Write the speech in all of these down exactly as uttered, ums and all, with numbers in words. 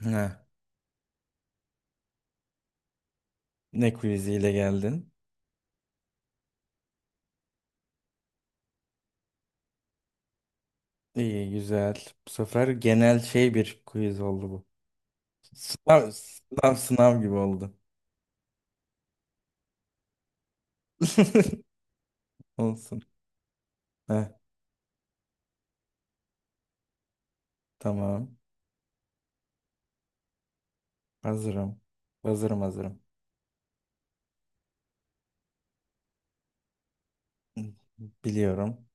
Ne? Ne quiziyle geldin? İyi, güzel. Bu sefer genel şey bir quiz oldu bu. Sınav, sınav, sınav gibi oldu. Olsun. Heh, tamam. Hazırım. Hazırım, hazırım. Biliyorum.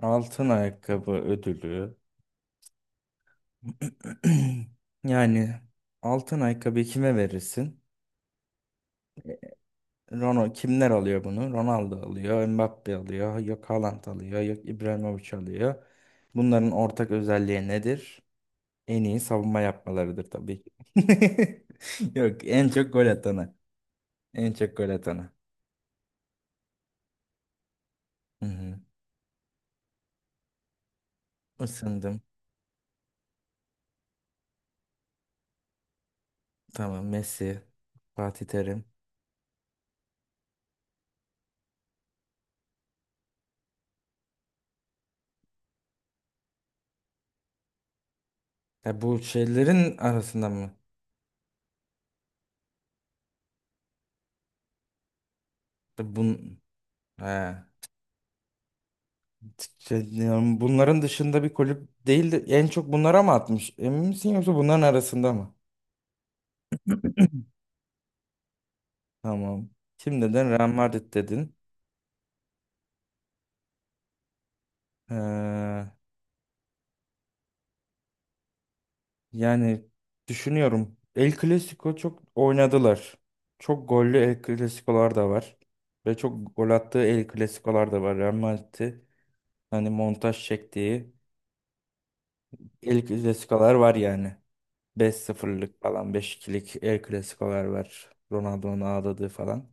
Altın ayakkabı ödülü. Yani altın ayakkabı kime verirsin? Ronaldo kimler alıyor bunu? Ronaldo alıyor, Mbappe alıyor, yok Haaland alıyor, yok İbrahimovic alıyor. Bunların ortak özelliği nedir? En iyi savunma yapmalarıdır tabii ki. Yok, en çok gol atanı. En çok gol atanı. Hı hı. Isındım. Tamam, Messi, Fatih Terim. Ya bu şeylerin arasında mı? Ya Bun ha. Şey, yani bunların dışında bir kulüp değil de en çok bunlara mı atmış? Emin misin yoksa bunların arasında mı? Tamam. Şimdiden Real Madrid dedin. Ee, Yani düşünüyorum. El Clasico çok oynadılar. Çok gollü El Clasico'lar da var. Ve çok gol attığı El Clasico'lar da var. Real Madrid'i hani montaj çektiği El Clasico'lar var yani. beş sıfırlık falan beş ikilik El Clasico'lar var. Ronaldo'nun ağladığı falan.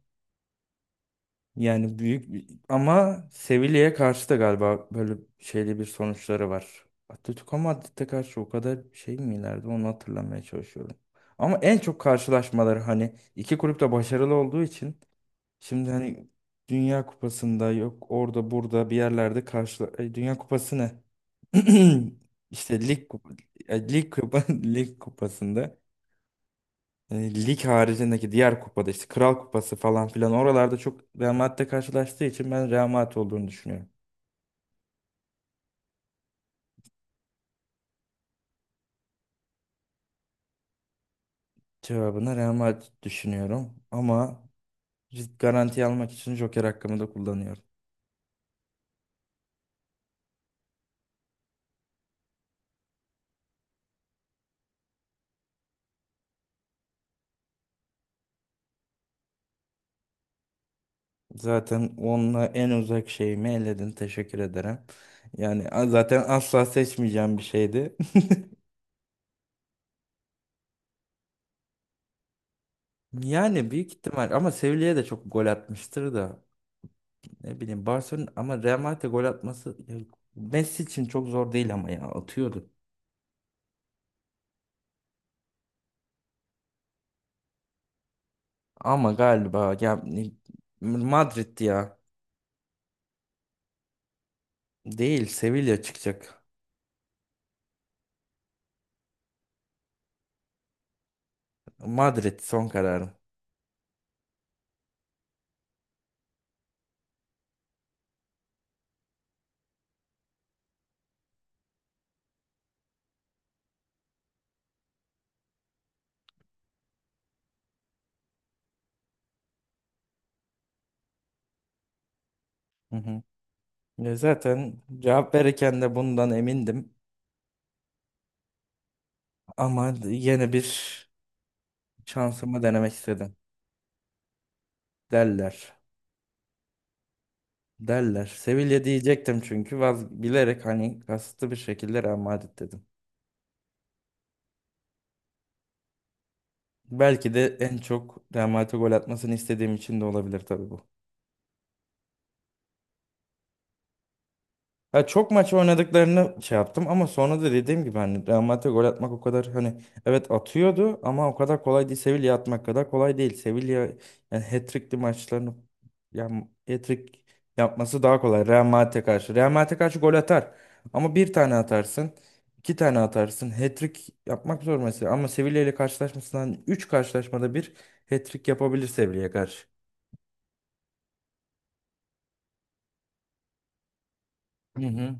Yani büyük ama Sevilla'ya karşı da galiba böyle şeyli bir sonuçları var. Atletico Madrid'e karşı o kadar şey mi ileride onu hatırlamaya çalışıyorum. Ama en çok karşılaşmaları hani iki kulüp de başarılı olduğu için şimdi hani Dünya Kupası'nda yok orada burada bir yerlerde karşı Ay, Dünya Kupası ne? İşte Lig Kupa- e, Lig Kupa- Lig Kupası'nda e, lig haricindeki diğer kupada işte Kral Kupası falan filan oralarda çok Real Madrid'le karşılaştığı için ben Real Madrid olduğunu düşünüyorum. Cevabına Real Madrid düşünüyorum ama risk garanti almak için Joker hakkımı da kullanıyorum. Zaten onunla en uzak şeyimi eledin. Teşekkür ederim. Yani a- zaten asla seçmeyeceğim bir şeydi. Yani büyük ihtimal ama Sevilla'ya da çok gol atmıştır da ne bileyim Barcelona ama Real Madrid'e gol atması ya Messi için çok zor değil ama ya atıyordu. Ama galiba ya Madrid ya. Değil Sevilla çıkacak. Madrid son kararım. Hı hı. Ya zaten cevap verirken de bundan emindim. Ama yine bir şansımı denemek istedim. Derler. Derler. Sevilla diyecektim çünkü vaz bilerek hani kasıtlı bir şekilde Real Madrid dedim. Belki de en çok Real Madrid'e gol atmasını istediğim için de olabilir tabii bu. Ha, çok maç oynadıklarını şey yaptım ama sonra da dediğim gibi hani Real Madrid'e gol atmak o kadar hani evet atıyordu ama o kadar kolay değil. Sevilla atmak kadar kolay değil. Sevilla yani hat-trick'li maçlarını yani hat-trick yapması daha kolay Real Madrid'e karşı. Real Madrid'e karşı gol atar ama bir tane atarsın, iki tane atarsın. Hat-trick yapmak zor mesela ama Sevilla ile karşılaşmasından üç karşılaşmada bir hat-trick yapabilir Sevilla'ya karşı. Hı hı.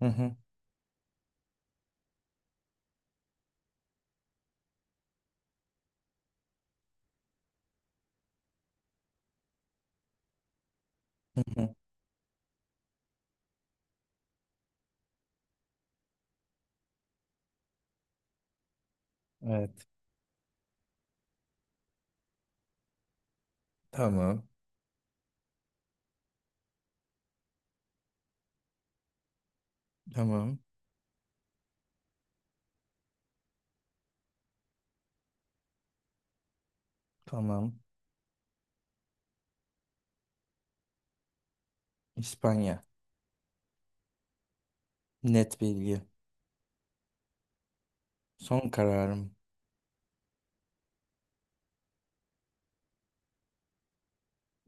Hı hı. Hı hı. Evet. Tamam. Tamam. Tamam. İspanya. Net bilgi. Son kararım.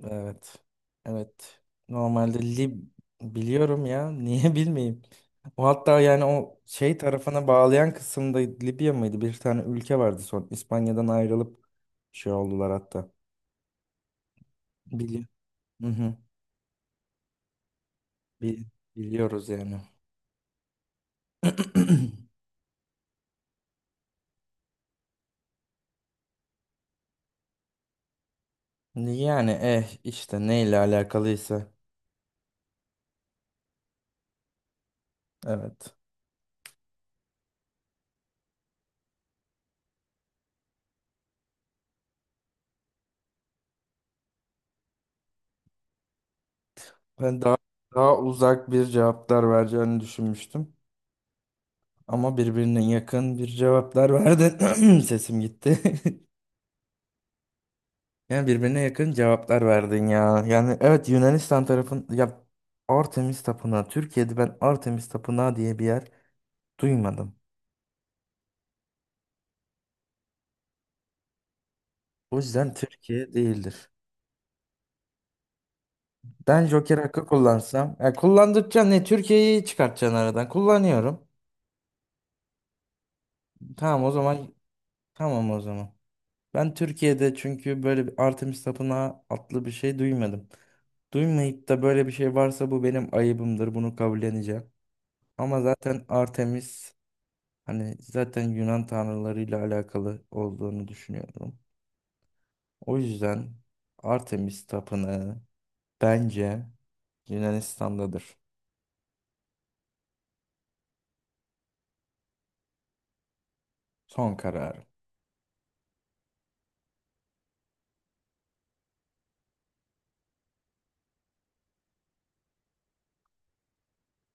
Evet. Evet. Normalde Lib biliyorum ya. Niye bilmeyeyim? O hatta yani o şey tarafına bağlayan kısımda Libya mıydı? Bir tane ülke vardı son. İspanya'dan ayrılıp şey oldular hatta. Biliyor. Hı hı. Bil- biliyoruz yani. Yani eh işte neyle alakalıysa. Evet. Ben daha daha uzak bir cevaplar vereceğini düşünmüştüm. Ama birbirine yakın bir cevaplar verdin. Sesim gitti. Yani birbirine yakın cevaplar verdin ya. Yani evet Yunanistan tarafın ya Artemis Tapınağı. Türkiye'de ben Artemis Tapınağı diye bir yer duymadım. O yüzden Türkiye değildir. Ben Joker hakkı kullansam. Ya kullandıkça ne Türkiye'yi çıkartacaksın aradan. Kullanıyorum. Tamam o zaman. Tamam o zaman. Ben Türkiye'de çünkü böyle bir Artemis Tapınağı adlı bir şey duymadım. Duymayıp da böyle bir şey varsa bu benim ayıbımdır. Bunu kabulleneceğim. Ama zaten Artemis hani zaten Yunan tanrılarıyla alakalı olduğunu düşünüyorum. O yüzden Artemis tapınağı bence Yunanistan'dadır. Son kararım.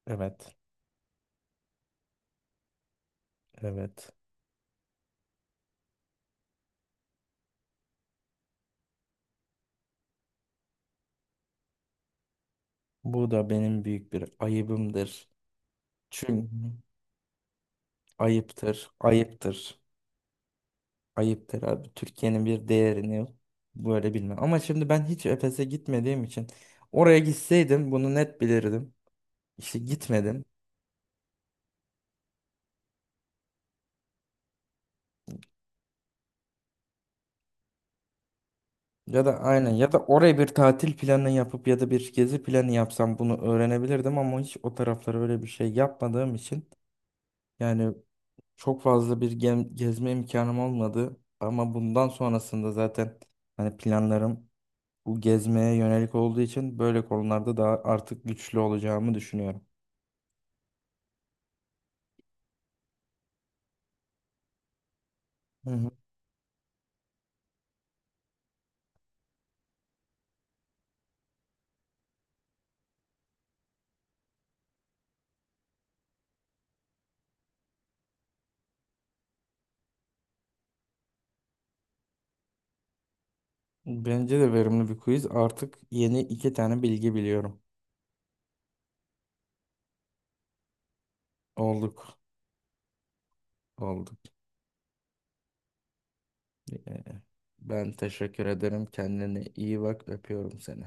Evet, evet. Bu da benim büyük bir ayıbımdır. Çünkü ayıptır, ayıptır. Ayıptır abi. Türkiye'nin bir değerini böyle bilmem. Ama şimdi ben hiç Efes'e gitmediğim için oraya gitseydim bunu net bilirdim. İşte gitmedim. Ya da aynen ya da oraya bir tatil planı yapıp ya da bir gezi planı yapsam bunu öğrenebilirdim ama hiç o taraflara öyle bir şey yapmadığım için yani çok fazla bir gem- gezme imkanım olmadı ama bundan sonrasında zaten hani planlarım bu gezmeye yönelik olduğu için böyle konularda daha artık güçlü olacağımı düşünüyorum. Hı hı. Bence de verimli bir quiz. Artık yeni iki tane bilgi biliyorum. Olduk. Olduk. Ee, Ben teşekkür ederim. Kendine iyi bak. Öpüyorum seni.